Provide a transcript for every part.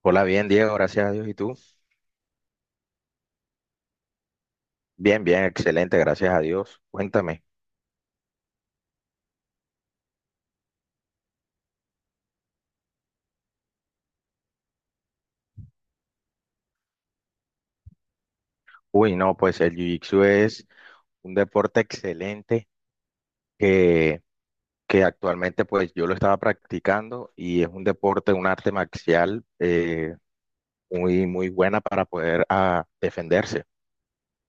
Hola, bien, Diego, gracias a Dios. ¿Y tú? Bien, bien, excelente, gracias a Dios. Cuéntame. Uy, no, pues el Jiu-Jitsu es un deporte excelente que, que actualmente pues yo lo estaba practicando y es un deporte, un arte marcial muy, muy buena para poder defenderse.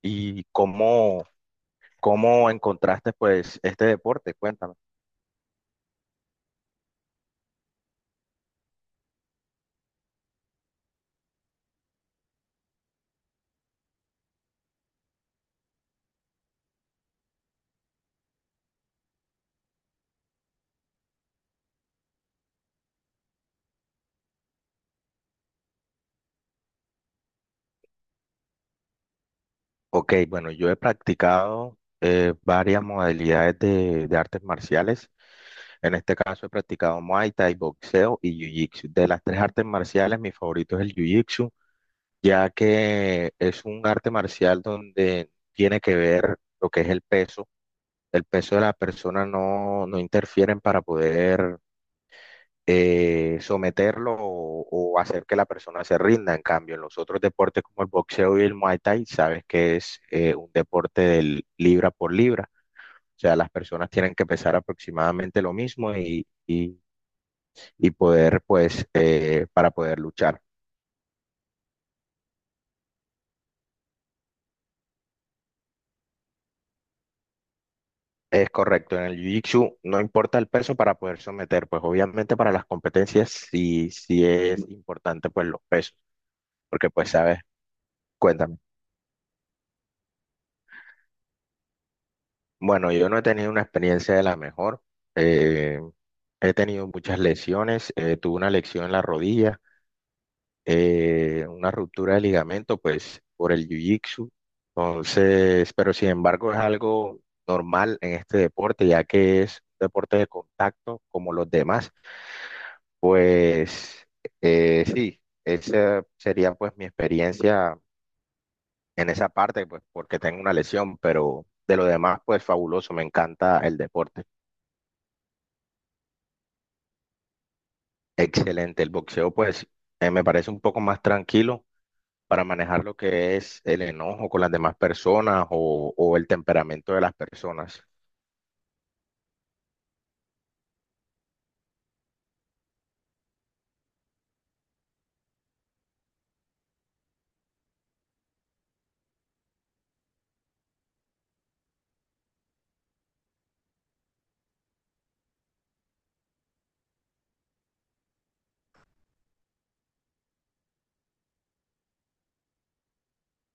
¿Y cómo encontraste pues este deporte? Cuéntame. Ok, bueno, yo he practicado varias modalidades de artes marciales. En este caso he practicado Muay Thai, boxeo y Jiu-Jitsu. De las tres artes marciales, mi favorito es el Jiu-Jitsu, ya que es un arte marcial donde tiene que ver lo que es el peso. El peso de la persona no, no interfieren para poder someterlo o hacer que la persona se rinda. En cambio, en los otros deportes como el boxeo y el Muay Thai, sabes que es un deporte del libra por libra. O sea, las personas tienen que pesar aproximadamente lo mismo y poder, pues, para poder luchar. Es correcto, en el Jiu-Jitsu no importa el peso para poder someter, pues obviamente para las competencias sí, sí es importante pues los pesos, porque pues sabes, cuéntame. Bueno, yo no he tenido una experiencia de la mejor, eh, he tenido muchas lesiones, tuve una lesión en la rodilla, una ruptura de ligamento, pues por el jiu-jitsu. Entonces, pero sin embargo es algo normal en este deporte, ya que es un deporte de contacto como los demás. Pues sí, esa sería pues mi experiencia en esa parte, pues porque tengo una lesión, pero de lo demás, pues fabuloso, me encanta el deporte. Excelente, el boxeo pues me parece un poco más tranquilo para manejar lo que es el enojo con las demás personas o el temperamento de las personas.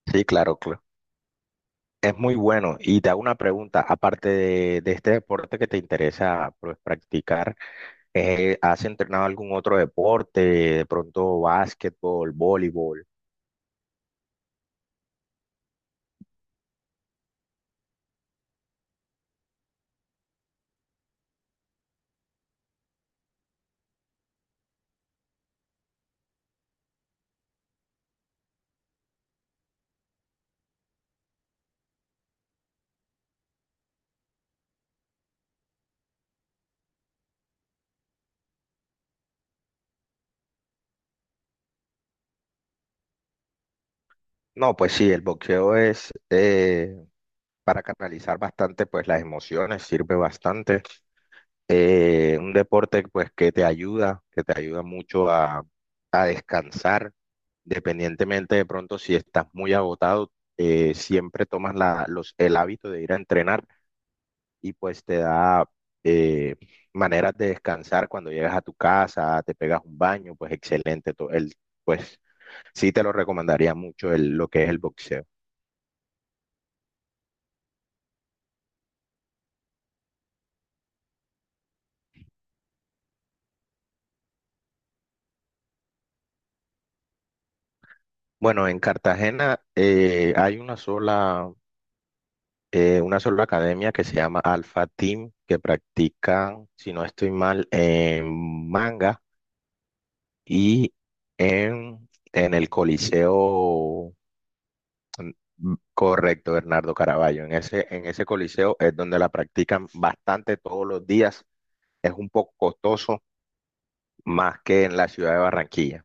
Sí, claro, claro. Es muy bueno. Y te hago una pregunta, aparte de este deporte que te interesa pues, practicar, ¿has entrenado algún otro deporte? De pronto básquetbol, voleibol. No, pues sí, el boxeo es para canalizar bastante pues las emociones, sirve bastante. Un deporte pues que te ayuda mucho a descansar, independientemente de pronto si estás muy agotado, siempre tomas el hábito de ir a entrenar y pues te da eh, maneras de descansar cuando llegas a tu casa, te pegas un baño, pues excelente, pues sí te lo recomendaría mucho lo que es el boxeo. Bueno, en Cartagena hay una sola academia que se llama Alpha Team, que practican, si no estoy mal, en manga y en el Coliseo, mm, correcto, Bernardo Caraballo. En ese coliseo es donde la practican bastante todos los días. Es un poco costoso más que en la ciudad de Barranquilla.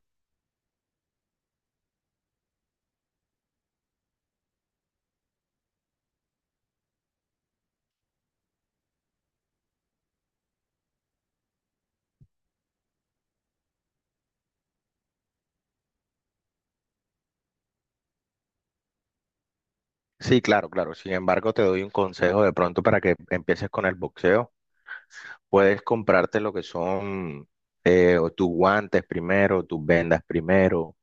Sí, claro, claro. Sin embargo, te doy un consejo de pronto para que empieces con el boxeo. Puedes comprarte lo que son o tus guantes primero, tus vendas primero,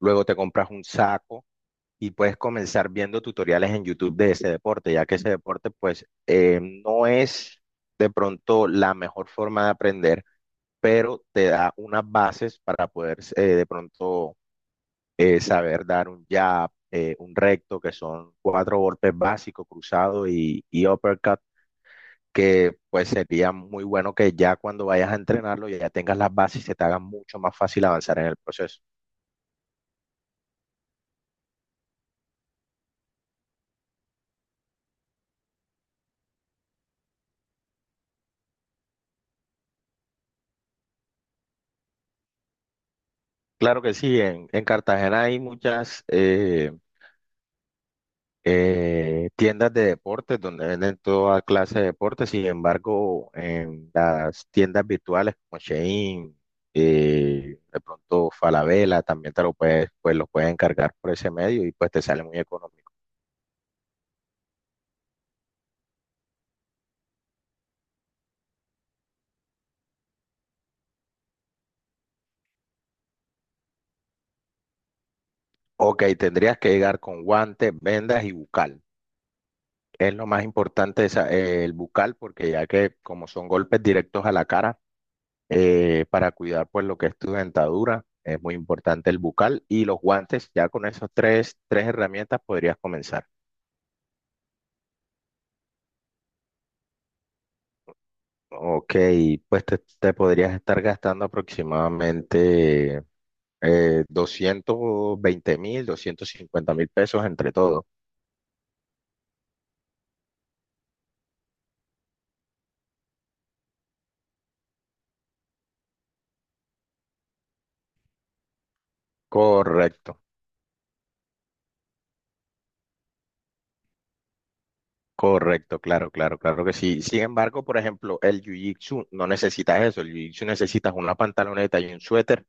luego te compras un saco y puedes comenzar viendo tutoriales en YouTube de ese deporte, ya que ese deporte pues no es de pronto la mejor forma de aprender, pero te da unas bases para poder de pronto saber dar un jab, un recto, que son cuatro golpes básicos, cruzado y uppercut que pues sería muy bueno que ya cuando vayas a entrenarlo ya tengas las bases y se te haga mucho más fácil avanzar en el proceso. Claro que sí, en Cartagena hay muchas tiendas de deportes donde venden toda clase de deportes, sin embargo, en las tiendas virtuales como Shein, de pronto Falabella, también te lo puedes, pues lo puedes encargar por ese medio y pues te sale muy económico. Ok, tendrías que llegar con guantes, vendas y bucal. Es lo más importante el bucal, porque ya que como son golpes directos a la cara, para cuidar pues lo que es tu dentadura, es muy importante el bucal y los guantes, ya con esas tres herramientas podrías comenzar. Ok, pues te podrías estar gastando aproximadamente 220.000, 250.000 pesos entre todo. Correcto. Correcto, claro, claro, claro que sí. Sin embargo, por ejemplo, el jiu-jitsu no necesitas eso. El jiu-jitsu necesitas una pantaloneta y un suéter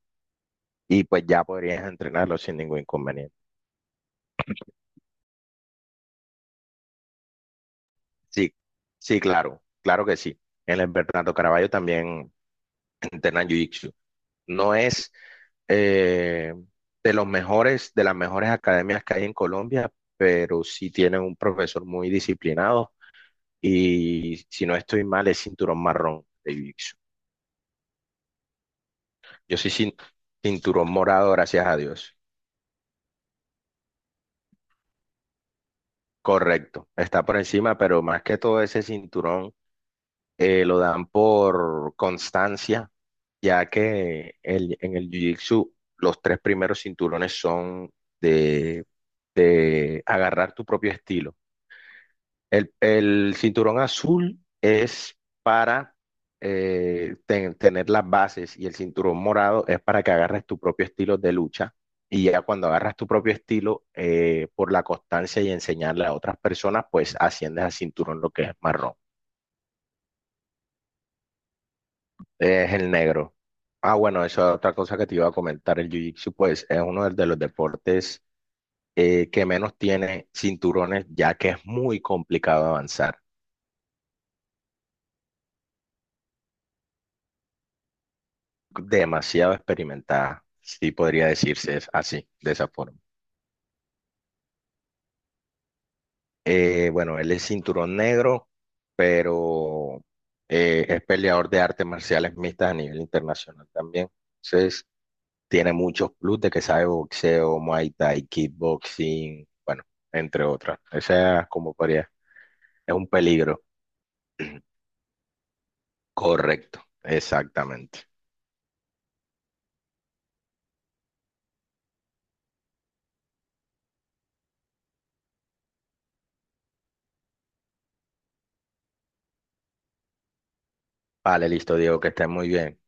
y pues ya podrías entrenarlo sin ningún inconveniente. Sí, sí, claro, claro que sí. En el Bernardo Caraballo también entrenan jiu-jitsu. No es eh, de las mejores academias que hay en Colombia, pero sí tienen un profesor muy disciplinado y si no estoy mal es cinturón marrón de jiu. Yo soy cin- cinturón morado, gracias a Dios. Correcto, está por encima, pero más que todo ese cinturón lo dan por constancia, ya que en el Jiu-Jitsu los tres primeros cinturones son de, de agarrar tu propio estilo. El cinturón azul es para tener las bases y el cinturón morado es para que agarres tu propio estilo de lucha. Y ya cuando agarras tu propio estilo, por la constancia y enseñarle a otras personas, pues asciendes al cinturón lo que es marrón. Es el negro. Ah, bueno, eso es otra cosa que te iba a comentar. El Jiu-Jitsu, pues, es uno de los deportes que menos tiene cinturones, ya que es muy complicado avanzar. Demasiado experimentada, sí podría decirse es así, de esa forma. Bueno, él es cinturón negro, pero es peleador de artes marciales mixtas a nivel internacional también. Entonces, tiene muchos plus de que sabe boxeo, Muay Thai, kickboxing, bueno, entre otras. Esa es como podría, es un peligro. Correcto, exactamente. Vale, listo, Diego, que estés muy bien.